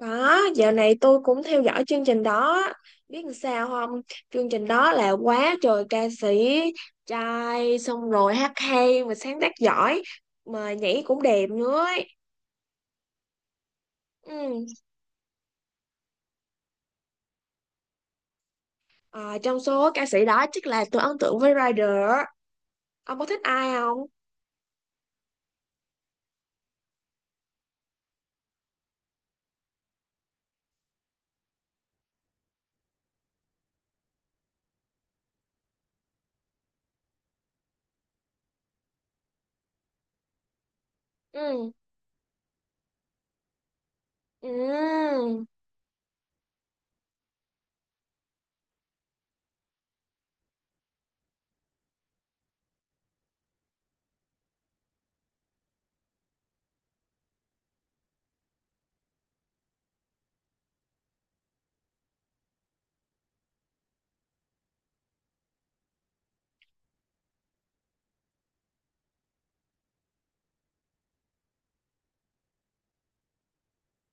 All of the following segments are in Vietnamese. Có, dạo này tôi cũng theo dõi chương trình đó. Biết làm sao không? Chương trình đó là quá trời ca sĩ, trai, xong rồi hát hay, mà sáng tác giỏi, mà nhảy cũng đẹp nữa ấy. Ừ. Ờ, Trong số ca sĩ đó chắc là tôi ấn tượng với Rider. Ông có thích ai không? Ừ. Ừ.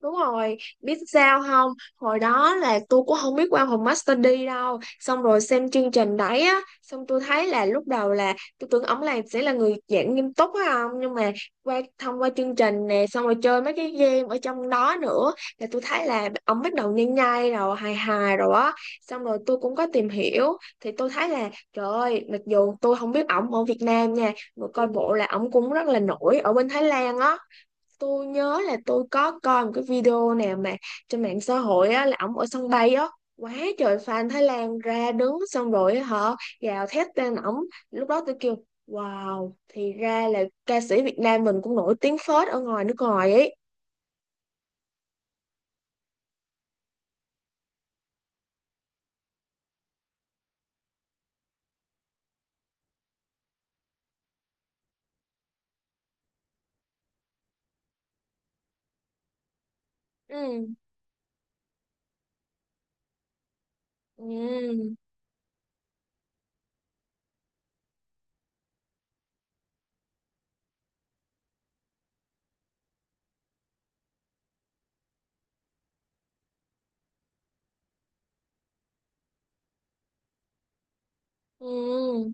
Đúng rồi, biết sao không? Hồi đó là tôi cũng không biết qua phòng Master D đâu. Xong rồi xem chương trình đấy á, xong tôi thấy là lúc đầu là tôi tưởng ổng là sẽ là người giảng nghiêm túc á không? Nhưng mà thông qua chương trình nè, xong rồi chơi mấy cái game ở trong đó nữa là tôi thấy là ổng bắt đầu nhai nhai rồi, hài hài rồi á. Xong rồi tôi cũng có tìm hiểu thì tôi thấy là trời ơi, mặc dù tôi không biết ổng ở Việt Nam nha, mà coi bộ là ổng cũng rất là nổi ở bên Thái Lan á. Tôi nhớ là tôi có coi một cái video nào mà trên mạng xã hội á, là ổng ở sân bay á, quá trời fan Thái Lan ra đứng xong rồi á, họ gào thét tên ổng. Lúc đó tôi kêu wow, thì ra là ca sĩ Việt Nam mình cũng nổi tiếng phết ở ngoài nước ngoài ấy. Ừ. Ừ. Ừ.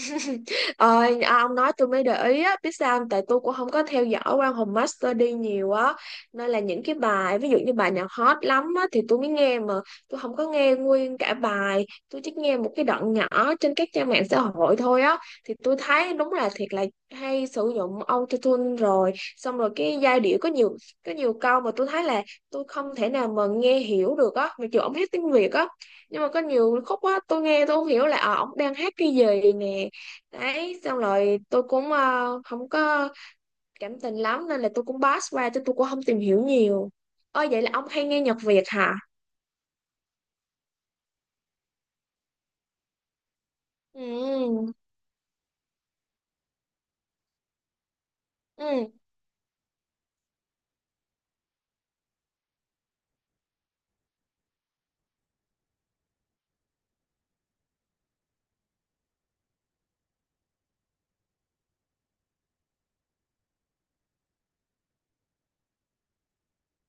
Ông nói tôi mới để ý á, biết sao không? Tại tôi cũng không có theo dõi Quang Hùng Master đi nhiều á, nên là những cái bài ví dụ như bài nào hot lắm á thì tôi mới nghe, mà tôi không có nghe nguyên cả bài, tôi chỉ nghe một cái đoạn nhỏ trên các trang mạng xã hội thôi á. Thì tôi thấy đúng là thiệt là hay sử dụng autotune, rồi xong rồi cái giai điệu có nhiều câu mà tôi thấy là tôi không thể nào mà nghe hiểu được á, mặc dù ông hát tiếng Việt á, nhưng mà có nhiều khúc á tôi nghe tôi không hiểu là ổng đang hát cái gì nè. Đấy xong rồi tôi cũng không có cảm tình lắm, nên là tôi cũng pass qua chứ tôi cũng không tìm hiểu nhiều. Ơi vậy là ông hay nghe nhạc Việt hả? Ừ. Ừ.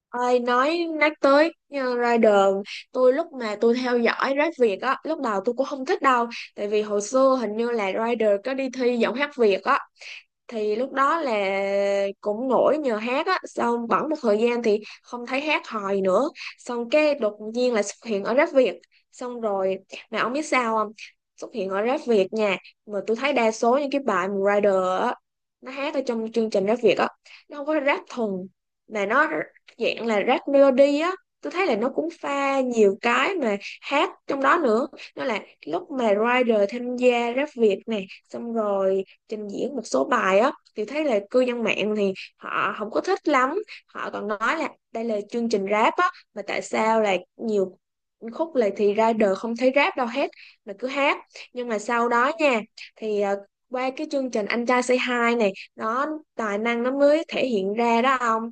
Ơi nói nhắc tới như Rider, tôi lúc mà tôi theo dõi rap Việt á lúc đầu tôi cũng không thích đâu, tại vì hồi xưa hình như là Rider có đi thi giọng hát Việt á, thì lúc đó là cũng nổi nhờ hát á, xong bẵng một thời gian thì không thấy hát hòi nữa, xong cái đột nhiên là xuất hiện ở Rap Việt. Xong rồi mà ông biết sao không, xuất hiện ở Rap Việt nha, mà tôi thấy đa số những cái bài mà Rider á nó hát ở trong chương trình Rap Việt á, nó không có rap thuần, mà nó dạng là rap melody á. Tôi thấy là nó cũng pha nhiều cái mà hát trong đó nữa. Nó là lúc mà Rider tham gia Rap Việt này xong rồi trình diễn một số bài á, thì thấy là cư dân mạng thì họ không có thích lắm, họ còn nói là đây là chương trình rap á, mà tại sao là nhiều khúc là thì ra đời không thấy rap đâu hết, mà cứ hát. Nhưng mà sau đó nha, thì qua cái chương trình Anh Trai Say Hi này, nó tài năng nó mới thể hiện ra đó ông.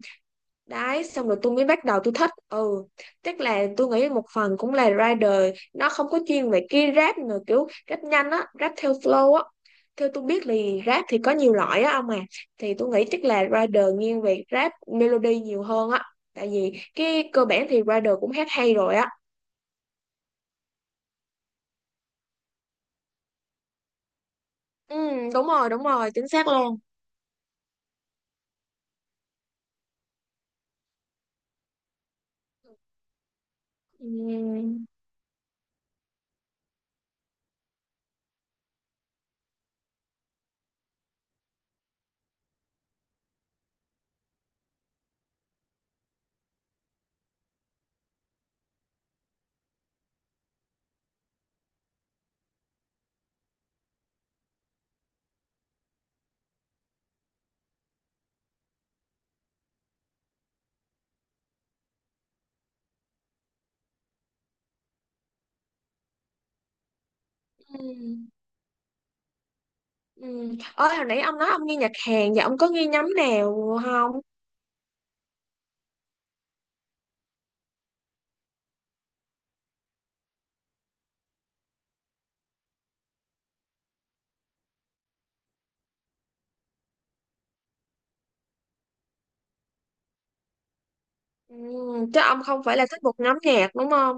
Đấy xong rồi tôi mới bắt đầu tôi thích. Ừ, tức là tôi nghĩ một phần cũng là rider nó không có chuyên về cái rap nữa, kiểu rap nhanh á, rap theo flow á. Theo tôi biết thì rap thì có nhiều loại á ông à, thì tôi nghĩ chắc là rider nghiêng về rap melody nhiều hơn á, tại vì cái cơ bản thì rider cũng hát hay rồi á. Ừ, đúng rồi đúng rồi, chính xác luôn. Ừ. Ừ. Ừ. Ôi, hồi nãy ông nói ông nghe nhạc Hàn, và ông có nghe nhóm nào không? Ừ, chứ ông không phải là thích một nhóm nhạc đúng không?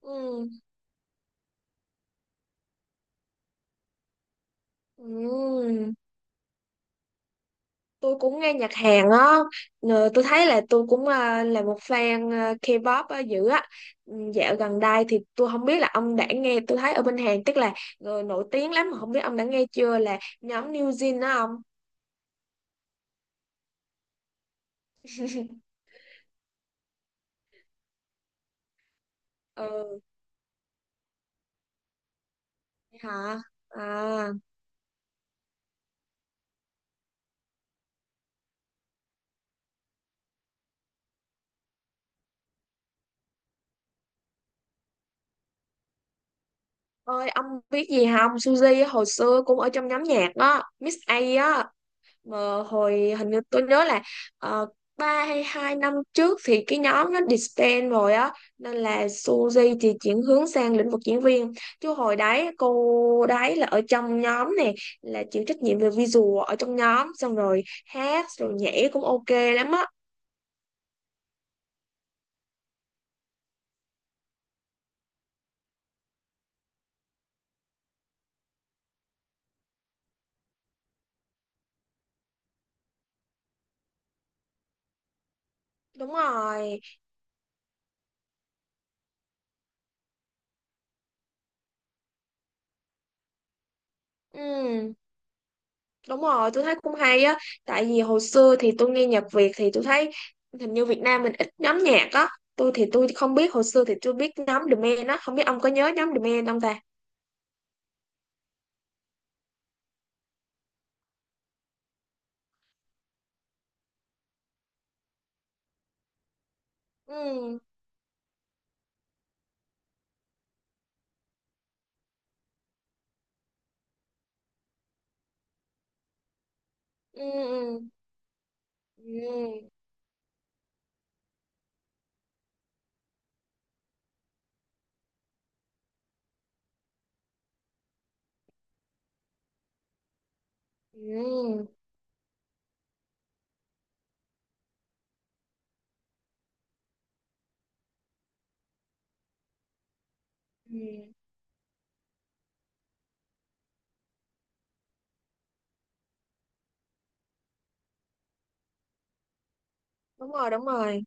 Ừ. Ừ. Tôi cũng nghe nhạc Hàn á. Ờ, tôi thấy là tôi cũng à, là một fan à, K-pop á, dữ á. Ừ, dạo gần đây thì tôi không biết là ông đã nghe, tôi thấy ở bên Hàn tức là người nổi tiếng lắm, mà không biết ông đã nghe chưa là nhóm New Jeans đó ông. Ừ, hả? À, ơi ông biết gì không? Suzy á, hồi xưa cũng ở trong nhóm nhạc đó, Miss A á. Mà hồi hình như tôi nhớ là uh, 3 hay 2 năm trước thì cái nhóm nó disband rồi á, nên là Suzy thì chuyển hướng sang lĩnh vực diễn viên. Chứ hồi đấy cô đấy là ở trong nhóm này là chịu trách nhiệm về visual ở trong nhóm, xong rồi hát rồi nhảy cũng ok lắm á. Đúng rồi. Ừ. Đúng rồi, tôi thấy cũng hay á. Tại vì hồi xưa thì tôi nghe nhạc Việt thì tôi thấy hình như Việt Nam mình ít nhóm nhạc á. Tôi thì tôi không biết, hồi xưa thì tôi biết nhóm The Man á. Không biết ông có nhớ nhóm The Man không ta? Ừ, ừ, ừ, ừ, ừ, ừ. Đúng rồi, đúng rồi.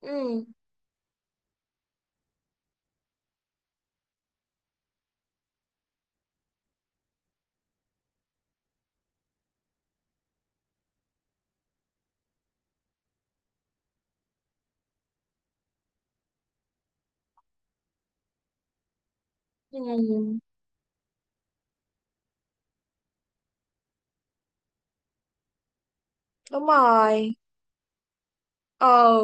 Ừ, ừ, đúng rồi. Ờ.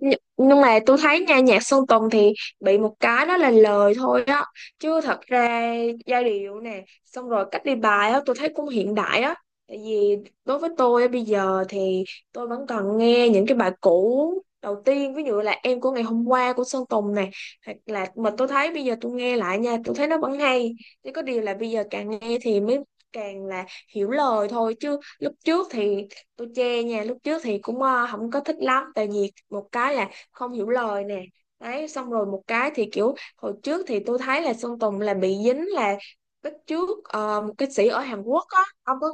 Nh- nhưng mà tôi thấy nha, nhạc Sơn Tùng thì bị một cái đó là lời thôi á, chứ thật ra giai điệu nè xong rồi cách đi bài á tôi thấy cũng hiện đại á. Tại vì đối với tôi á, bây giờ thì tôi vẫn còn nghe những cái bài cũ đầu tiên ví dụ là Em Của Ngày Hôm Qua của Sơn Tùng này, hoặc là mà tôi thấy bây giờ tôi nghe lại nha tôi thấy nó vẫn hay, chỉ có điều là bây giờ càng nghe thì mới càng là hiểu lời thôi, chứ lúc trước thì tôi chê nha, lúc trước thì cũng không có thích lắm, tại vì một cái là không hiểu lời nè. Đấy xong rồi một cái thì kiểu hồi trước thì tôi thấy là Sơn Tùng là bị dính là bắt chước một cái sĩ ở Hàn Quốc á ông có.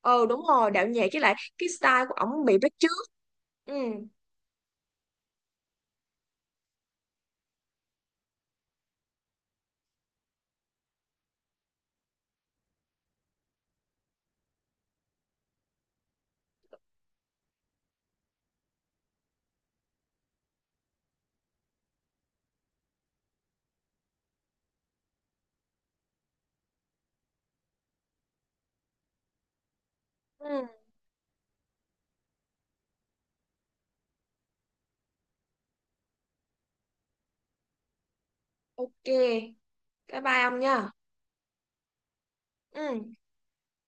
Ờ đúng rồi, đạo nhạc, với lại cái style của ổng bị bắt chước. Ừ. Ừ. Ok, bye bye ông nha. Ừ.